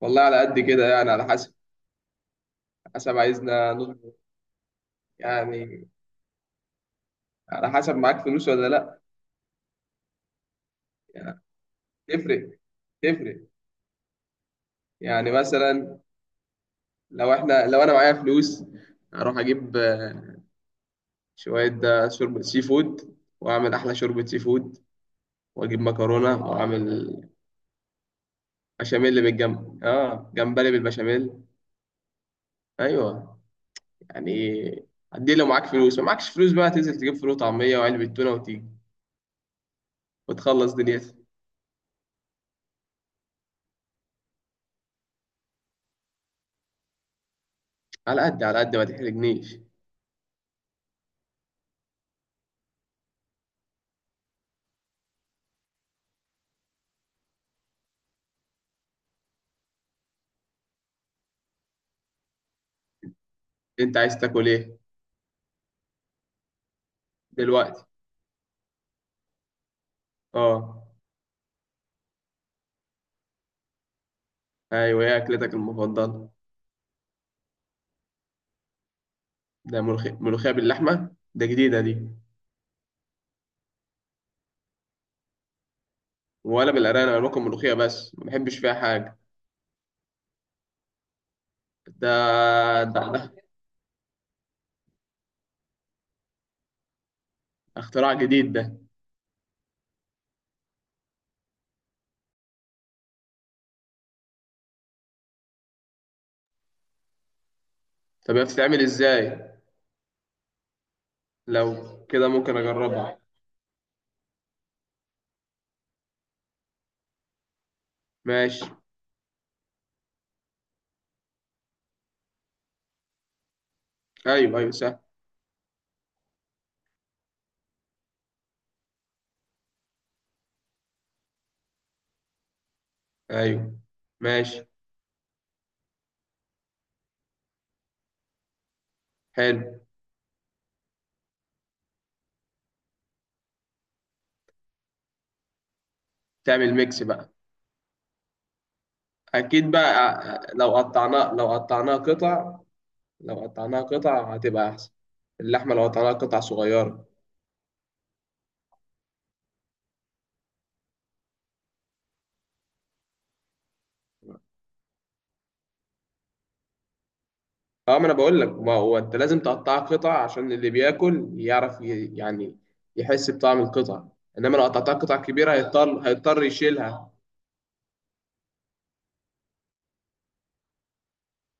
والله على قد كده يعني على حسب عايزنا نظبط. يعني على حسب معاك فلوس ولا لا. يعني تفرق تفرق. يعني مثلا لو انا معايا فلوس اروح اجيب شوية ده شوربة سي فود، واعمل احلى شوربة سي فود واجيب مكرونة واعمل بشاميل بالجنب، جمبري بالبشاميل. ايوه، يعني هدي لو معاك فلوس. ما معكش فلوس بقى تنزل تجيب فول وطعمية وعلبة تونة وتيجي وتخلص دنيتك. على قد ما تحرجنيش. انت عايز تاكل ايه دلوقتي؟ اه. ايوه هي اكلتك المفضله. ده ملوخيه باللحمه؟ ده جديده دي. ولا بالارانب، انا باكل ملوخيه بس ما بحبش فيها حاجه. ده ده اختراع جديد ده. طب هي بتتعمل ازاي؟ لو كده ممكن اجربها. ماشي. ايوه ايوه سهل. ايوه. ماشي. حلو. تعمل ميكس بقى. اكيد بقى. لو قطعناه قطع. لو قطعناها قطع هتبقى احسن، اللحمه لو قطعناها قطع صغيره. اه، ما انا بقول لك ما هو انت لازم تقطعها قطع عشان اللي بياكل يعرف يعني يحس بطعم القطع. انما لو قطعتها قطع كبيره هيضطر يشيلها.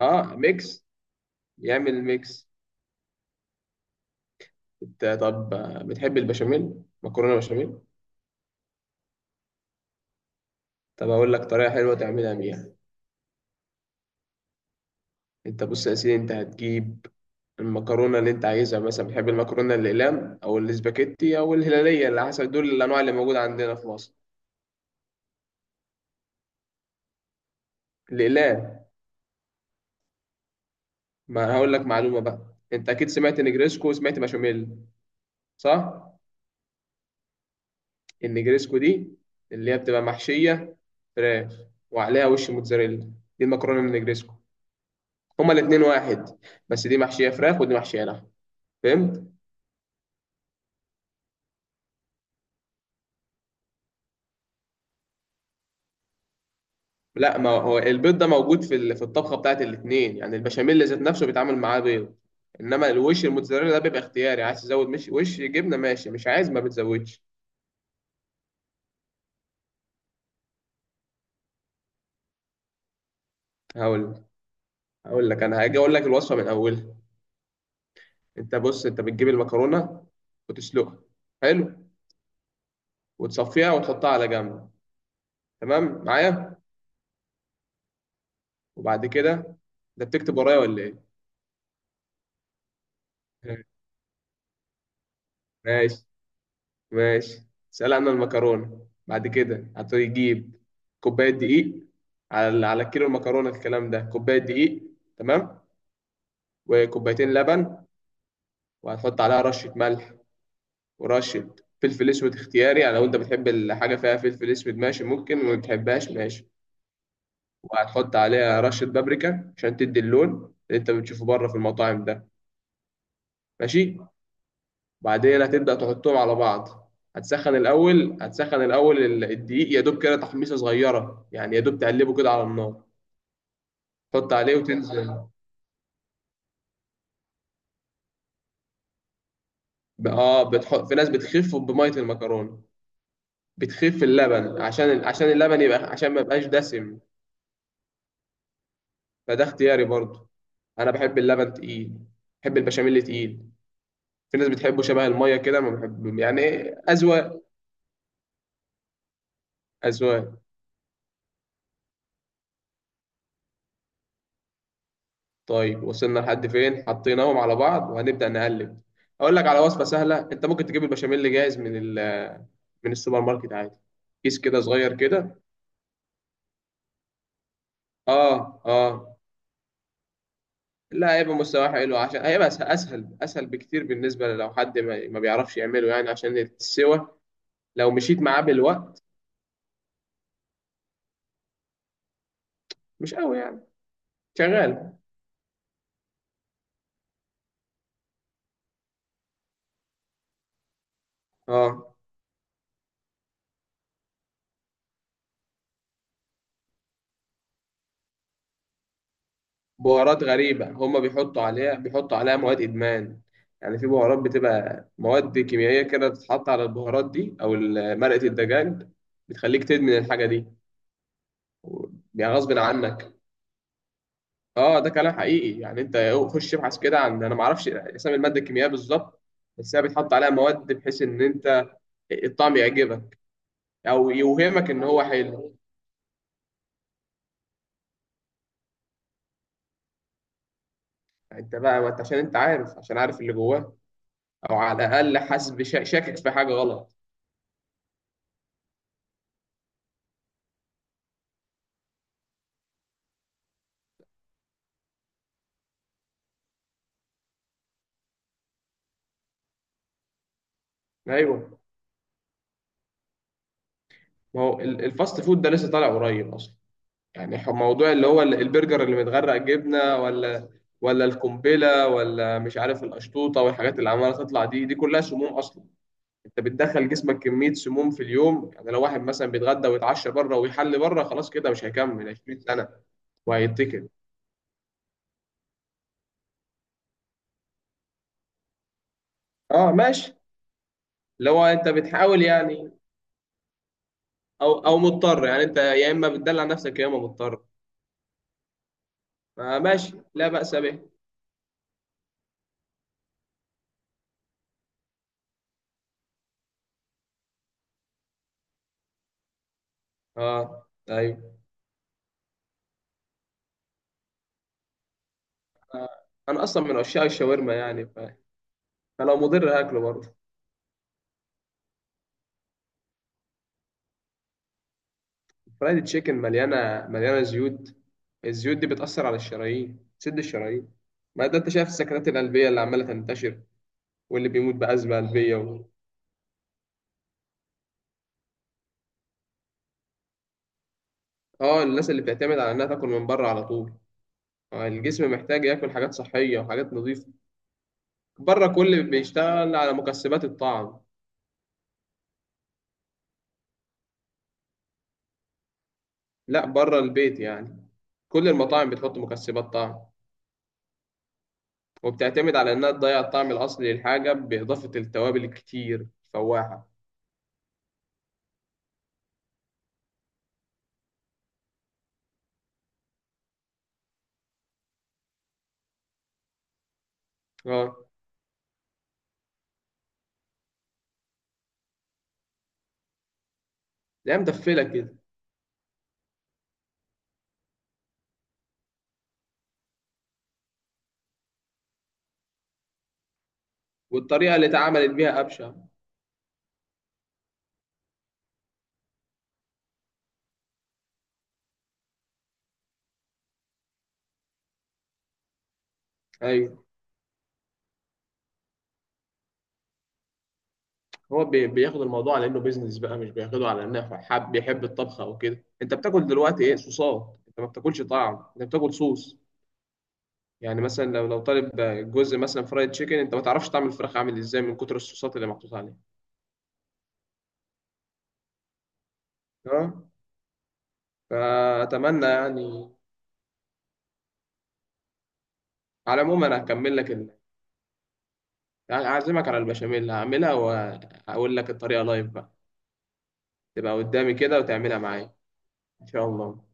اه ميكس. يعمل ميكس. انت طب بتحب البشاميل؟ مكرونه بشاميل. طب اقول لك طريقه حلوه تعملها بيها. انت بص يا سيدي، انت هتجيب المكرونه اللي انت عايزها، مثلا بتحب المكرونه الاقلام او الاسباجيتي او الهلاليه، اللي حسب دول الانواع اللي موجوده عندنا في مصر. الاقلام. ما هقول لك معلومه بقى. انت اكيد سمعت نجريسكو وسمعت بشاميل، صح؟ النجريسكو دي اللي هي بتبقى محشيه فراخ وعليها وش موتزاريلا، دي المكرونه النجريسكو. هما الاتنين واحد، بس دي محشيه فراخ ودي محشيه لحم، فهمت. لا، ما هو البيض ده موجود في الطبخه بتاعت الاتنين، يعني البشاميل ذات نفسه بيتعمل معاه بيض. انما الوش الموتزاريلا ده بيبقى اختياري، عايز تزود مش وش جبنه ماشي مش عايز ما بتزودش. هقول لك هقول لك انا هاجي اقول لك الوصفه من اولها. انت بص، انت بتجيب المكرونه وتسلقها. حلو. وتصفيها وتحطها على جنب، تمام معايا؟ وبعد كده، ده بتكتب ورايا ولا ايه؟ ماشي ماشي. سلقنا المكرونه، بعد كده هتجيب كوبايه دقيق، على كيلو المكرونه الكلام ده كوبايه دقيق. تمام؟ وكوبايتين لبن. وهتحط عليها رشه ملح ورشه فلفل اسود اختياري، يعني لو انت بتحب الحاجه فيها فلفل اسود ماشي ممكن، وما بتحبهاش ماشي. وهتحط عليها رشه بابريكا عشان تدي اللون اللي انت بتشوفه بره في المطاعم ده. ماشي. بعدين هتبدأ تحطهم على بعض. هتسخن الأول الدقيق يا دوب كده، تحميصة صغيرة يعني، يا دوب تقلبه كده على النار. تحط عليه وتنزل، بتحط. في ناس بتخف بمية المكرونة، بتخف اللبن عشان اللبن يبقى، عشان ما يبقاش دسم، فده اختياري برضه. أنا بحب اللبن تقيل، بحب البشاميل تقيل. في ناس بتحبه شبه المية كده، ما بحب، يعني إيه، أذواق. طيب وصلنا لحد فين؟ حطيناهم على بعض وهنبدأ نقلب. اقول لك على وصفة سهلة، انت ممكن تجيب البشاميل اللي جاهز من السوبر ماركت عادي، كيس كده صغير كده. اه اه. لا، هيبقى مستواه حلو عشان هيبقى اسهل بكتير، بالنسبة لو حد ما بيعرفش يعمله يعني، عشان السوا لو مشيت معاه بالوقت مش قوي يعني، شغال. اه بهارات غريبة، هما بيحطوا عليها مواد إدمان. يعني في بهارات بتبقى مواد كيميائية كده بتتحط على البهارات دي أو مرقة الدجاج، بتخليك تدمن الحاجة دي. و- يعني غصب عنك. اه، ده كلام حقيقي يعني. انت خش ابحث كده عن، انا ما اعرفش اسامي الماده الكيميائيه بالظبط، بس هي بيتحط عليها مواد بحيث ان انت الطعم يعجبك او يوهمك ان هو حلو. يعني انت بقى، ما انت عشان انت عارف اللي جواه، او على الاقل حاسس بشك، شاكك في حاجه غلط. ايوه. ما هو الفاست فود ده لسه طالع قريب اصلا، يعني موضوع اللي هو البرجر اللي متغرق جبنه، ولا ولا القنبله ولا مش عارف القشطوطه، والحاجات اللي عماله تطلع دي كلها سموم اصلا. انت بتدخل جسمك كميه سموم في اليوم، يعني لو واحد مثلا بيتغدى ويتعشى بره ويحل بره خلاص كده مش هيكمل 20 سنه وهيتكل. اه ماشي، اللي هو انت بتحاول يعني، او مضطر، يعني انت يا اما بتدلع نفسك يا اما مضطر. آه ماشي لا بأس به. اه ايوه، انا اصلا من عشاق الشاورما يعني فلو مضر هاكله برضه. فرايد تشيكن مليانه مليانه زيوت، الزيوت دي بتاثر على الشرايين، بتسد الشرايين. ما ده انت شايف السكتات القلبيه اللي عماله تنتشر، واللي بيموت بازمه قلبيه. اه، الناس اللي بتعتمد على انها تاكل من بره على طول، الجسم محتاج ياكل حاجات صحيه وحاجات نظيفه. بره كل بيشتغل على مكسبات الطعم. لا بره البيت يعني، كل المطاعم بتحط مكسبات طعم، وبتعتمد على إنها تضيع الطعم الأصلي للحاجة بإضافة التوابل الكتير الفواحة. اه. لا مدفلة كده، والطريقة اللي اتعملت بيها أبشع. أيوه. هو بياخد الموضوع على إنه بيزنس بقى، مش بياخده على إنه حب بيحب الطبخ أو كده. أنت بتاكل دلوقتي إيه؟ صوصات. أنت ما بتاكلش طعم، أنت بتاكل صوص. يعني مثلا لو طالب جزء مثلا فرايد تشيكن، أنت ما تعرفش طعم الفراخ عامل إزاي من كتر الصوصات اللي محطوط عليها. اه. فأتمنى يعني. على العموم أنا هكمل لك. أعزمك على البشاميل اللي هعملها وأقول لك الطريقة لايف بقى، تبقى قدامي كده وتعملها معايا، إن شاء الله.